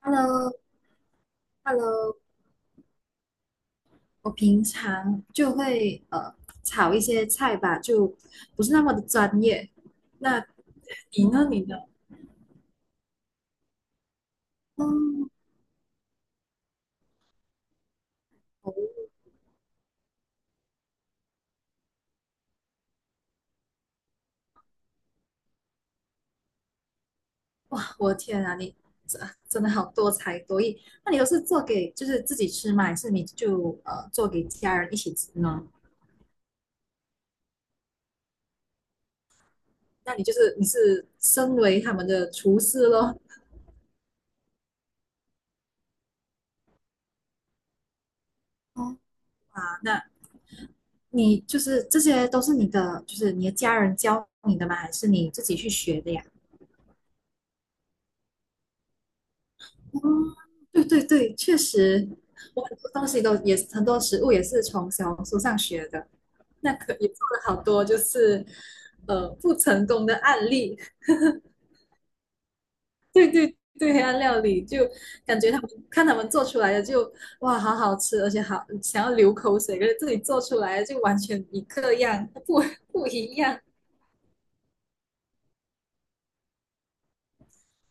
Hello,Hello,我平常就会炒一些菜吧，就不是那么的专业。那你呢？你的嗯，哦哇，我的天啊，你真真的好多才多艺。那你都是做给就是自己吃吗？还是你就做给家人一起吃呢？那你就是你是身为他们的厨师咯。哦，啊那你就是这些都是你的，就是你的家人教你的吗？还是你自己去学的呀？哦对对对，确实，我很多东西都也很多食物也是从小红书上学的，那可也做了好多就是不成功的案例。对对对，黑暗料理就感觉他们看他们做出来的就哇好好吃，而且好想要流口水，可是自己做出来的就完全一个样，不一样。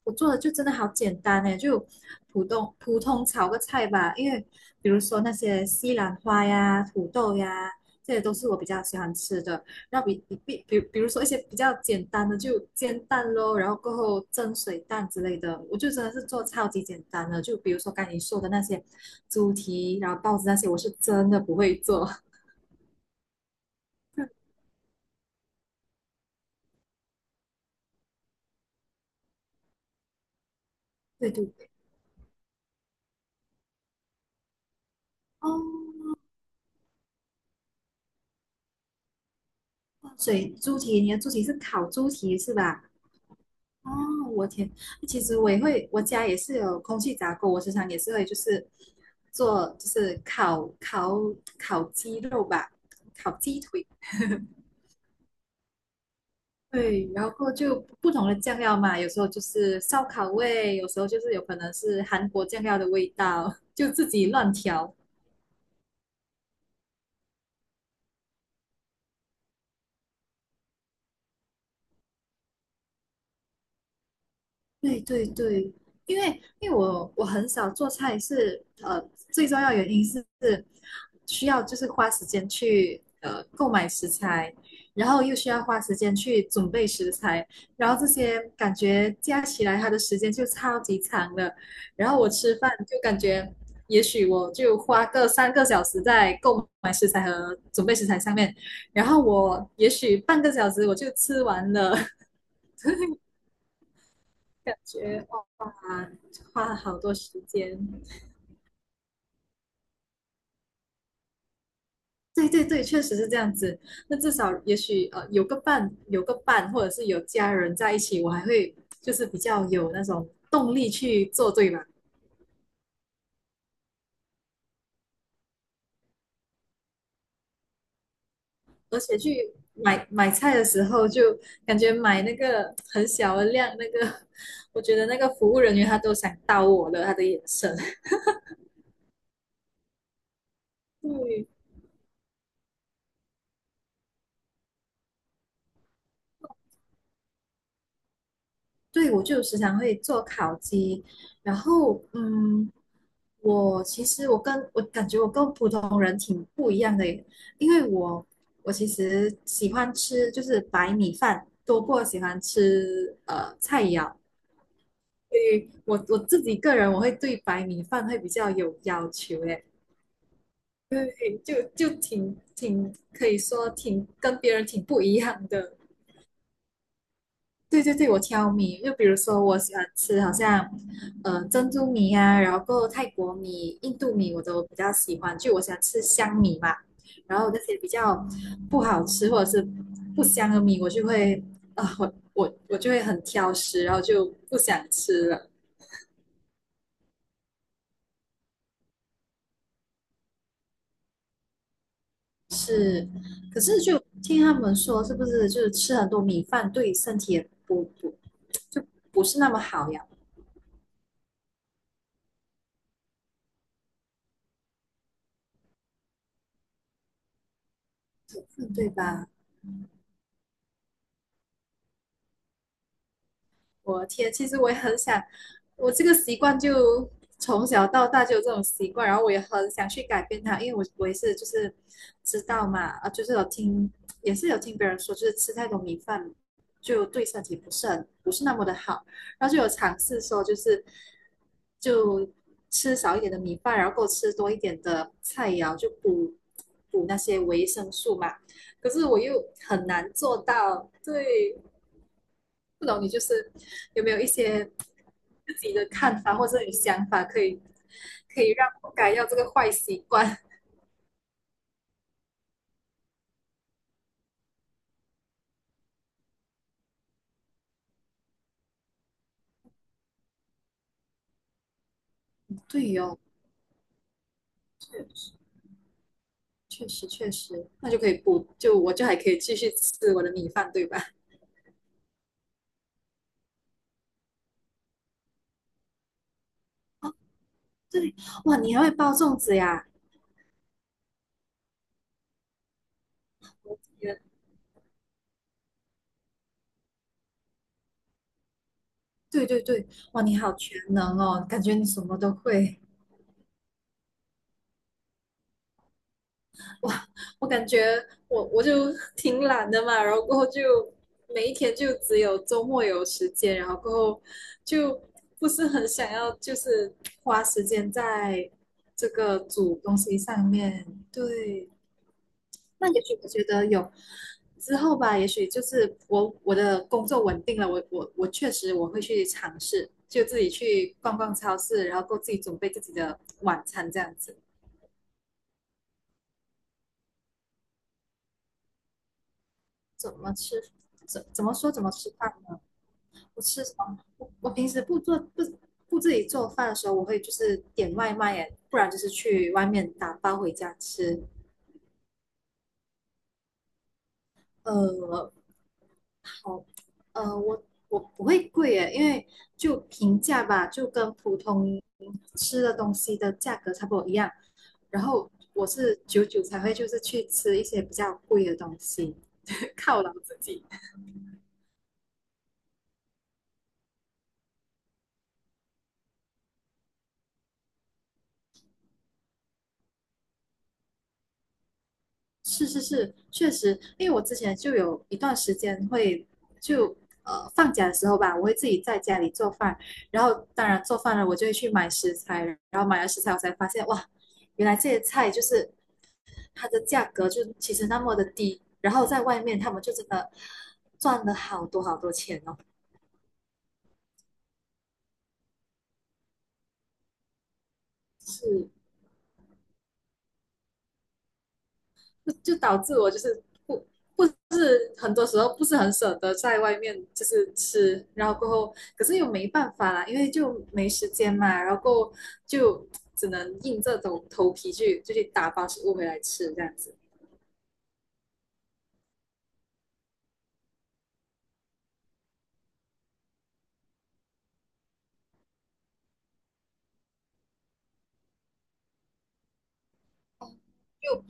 我做的就真的好简单诶，就普通炒个菜吧。因为比如说那些西兰花呀、土豆呀，这些都是我比较喜欢吃的。那比如说一些比较简单的，就煎蛋咯，然后过后蒸水蛋之类的，我就真的是做超级简单的。就比如说刚才你说的那些猪蹄，然后包子那些，我是真的不会做。对对对，哦，所以猪蹄，你的猪蹄是烤猪蹄是吧？哦，我天，其实我也会，我家也是有空气炸锅，我时常也是会就是做就是烤烤鸡肉吧，烤鸡腿，对，然后就不同的酱料嘛，有时候就是烧烤味，有时候就是有可能是韩国酱料的味道，就自己乱调。对对对，因为因为我很少做菜是，最重要原因是需要就是花时间去购买食材，然后又需要花时间去准备食材，然后这些感觉加起来它的时间就超级长了，然后我吃饭就感觉也许我就花个三个小时在购买食材和准备食材上面，然后我也许半个小时我就吃完了，感觉。啊，花了好多时间。对对对，确实是这样子。那至少也许有个伴，有个伴，或者是有家人在一起，我还会就是比较有那种动力去做，对吧？而且去买菜的时候，就感觉买那个很小的量，那个 我觉得那个服务人员他都想刀我了，他的眼神。对，对，我就时常会做烤鸡，然后嗯，我其实我跟我感觉我跟普通人挺不一样的耶因为我其实喜欢吃就是白米饭多过喜欢吃菜肴，所以我自己个人我会对白米饭会比较有要求诶，对，就挺可以说挺跟别人挺不一样的。对对对，我挑米，就比如说我喜欢吃好像，珍珠米啊，然后够泰国米、印度米我都比较喜欢，就我喜欢吃香米嘛。然后那些比较不好吃或者是不香的米，我就会啊、我我就会很挑食，然后就不想吃了。是，可是就听他们说，是不是就是吃很多米饭对身体也不就不是那么好呀？嗯，对吧？我的天，其实我也很想，我这个习惯就从小到大就有这种习惯，然后我也很想去改变它，因为我也是就是知道嘛，啊，就是有听也是有听别人说，就是吃太多米饭就对身体不是很不是那么的好，然后就有尝试说就是就吃少一点的米饭，然后够吃多一点的菜肴，就补那些维生素嘛，可是我又很难做到，对，不懂你就是有没有一些自己的看法或者你想法，可以让我改掉这个坏习惯？对哦，确实确实，那就可以补，就我就还可以继续吃我的米饭，对吧？对，哇，你还会包粽子呀？对对对，哇，你好全能哦，感觉你什么都会。哇，我感觉我就挺懒的嘛，然后过后就每一天就只有周末有时间，然后过后就不是很想要，就是花时间在这个煮东西上面。对，那也许我觉得有之后吧，也许就是我的工作稳定了，我我确实我会去尝试，就自己去逛逛超市，然后够自己准备自己的晚餐这样子，怎么吃，怎么吃饭呢？我吃什么，我平时不自己做饭的时候，我会就是点外卖耶，不然就是去外面打包回家吃。呃，好，呃，我我不会贵耶，因为就平价吧，就跟普通吃的东西的价格差不多一样。然后我是久久才会就是去吃一些比较贵的东西，犒劳自己。是是是，确实，因为我之前就有一段时间会就放假的时候吧，我会自己在家里做饭，然后当然做饭了，我就会去买食材，然后买了食材，我才发现哇，原来这些菜就是它的价格就其实那么的低，然后在外面他们就真的赚了好多好多钱哦，是就就导致我就是不是很多时候不是很舍得在外面就是吃，然后过后可是又没办法啦，因为就没时间嘛，然后过后就只能硬着头皮去就去打包食物回来吃这样子，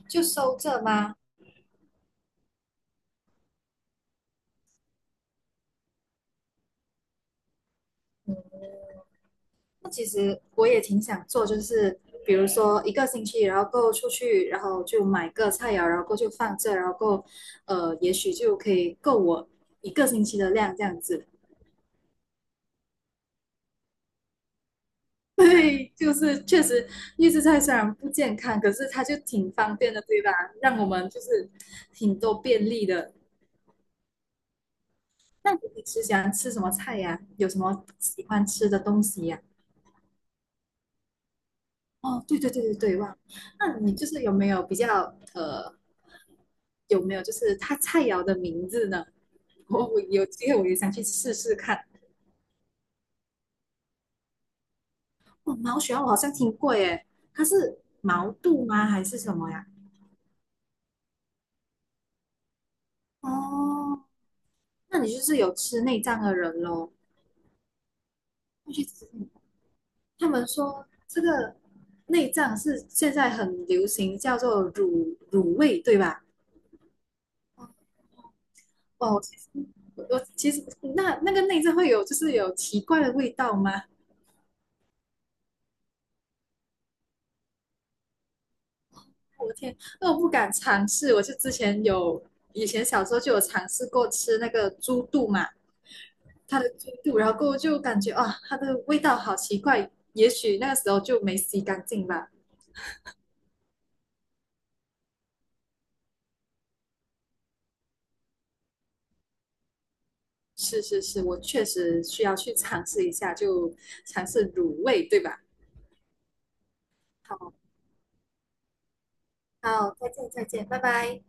就收这吗？那其实我也挺想做，就是比如说一个星期，然后够出去，然后就买个菜肴，然后够就放这，然后够也许就可以够我一个星期的量这样子。对，就是确实预制菜虽然不健康，可是它就挺方便的，对吧？让我们就是挺多便利的。那你平时喜欢吃什么菜呀？有什么喜欢吃的东西呀？哦，对对对对对，忘了。那你就是有没有比较有没有就是它菜肴的名字呢？我有机会我也想去试试看。哦，毛血旺我好像听过耶，它是毛肚吗？还是什么呀？哦，那你就是有吃内脏的人喽？去吃他们说这个内脏是现在很流行，叫做乳乳味，对吧？哦，我其实那个内脏会有就是有奇怪的味道吗？我的天，那我不敢尝试。我就之前有以前小时候就有尝试过吃那个猪肚嘛，它的猪肚，然后过后就感觉啊，它的味道好奇怪。也许那个时候就没洗干净吧。是是是，我确实需要去尝试一下，就尝试卤味，对吧？好。好，再见，再见，拜拜。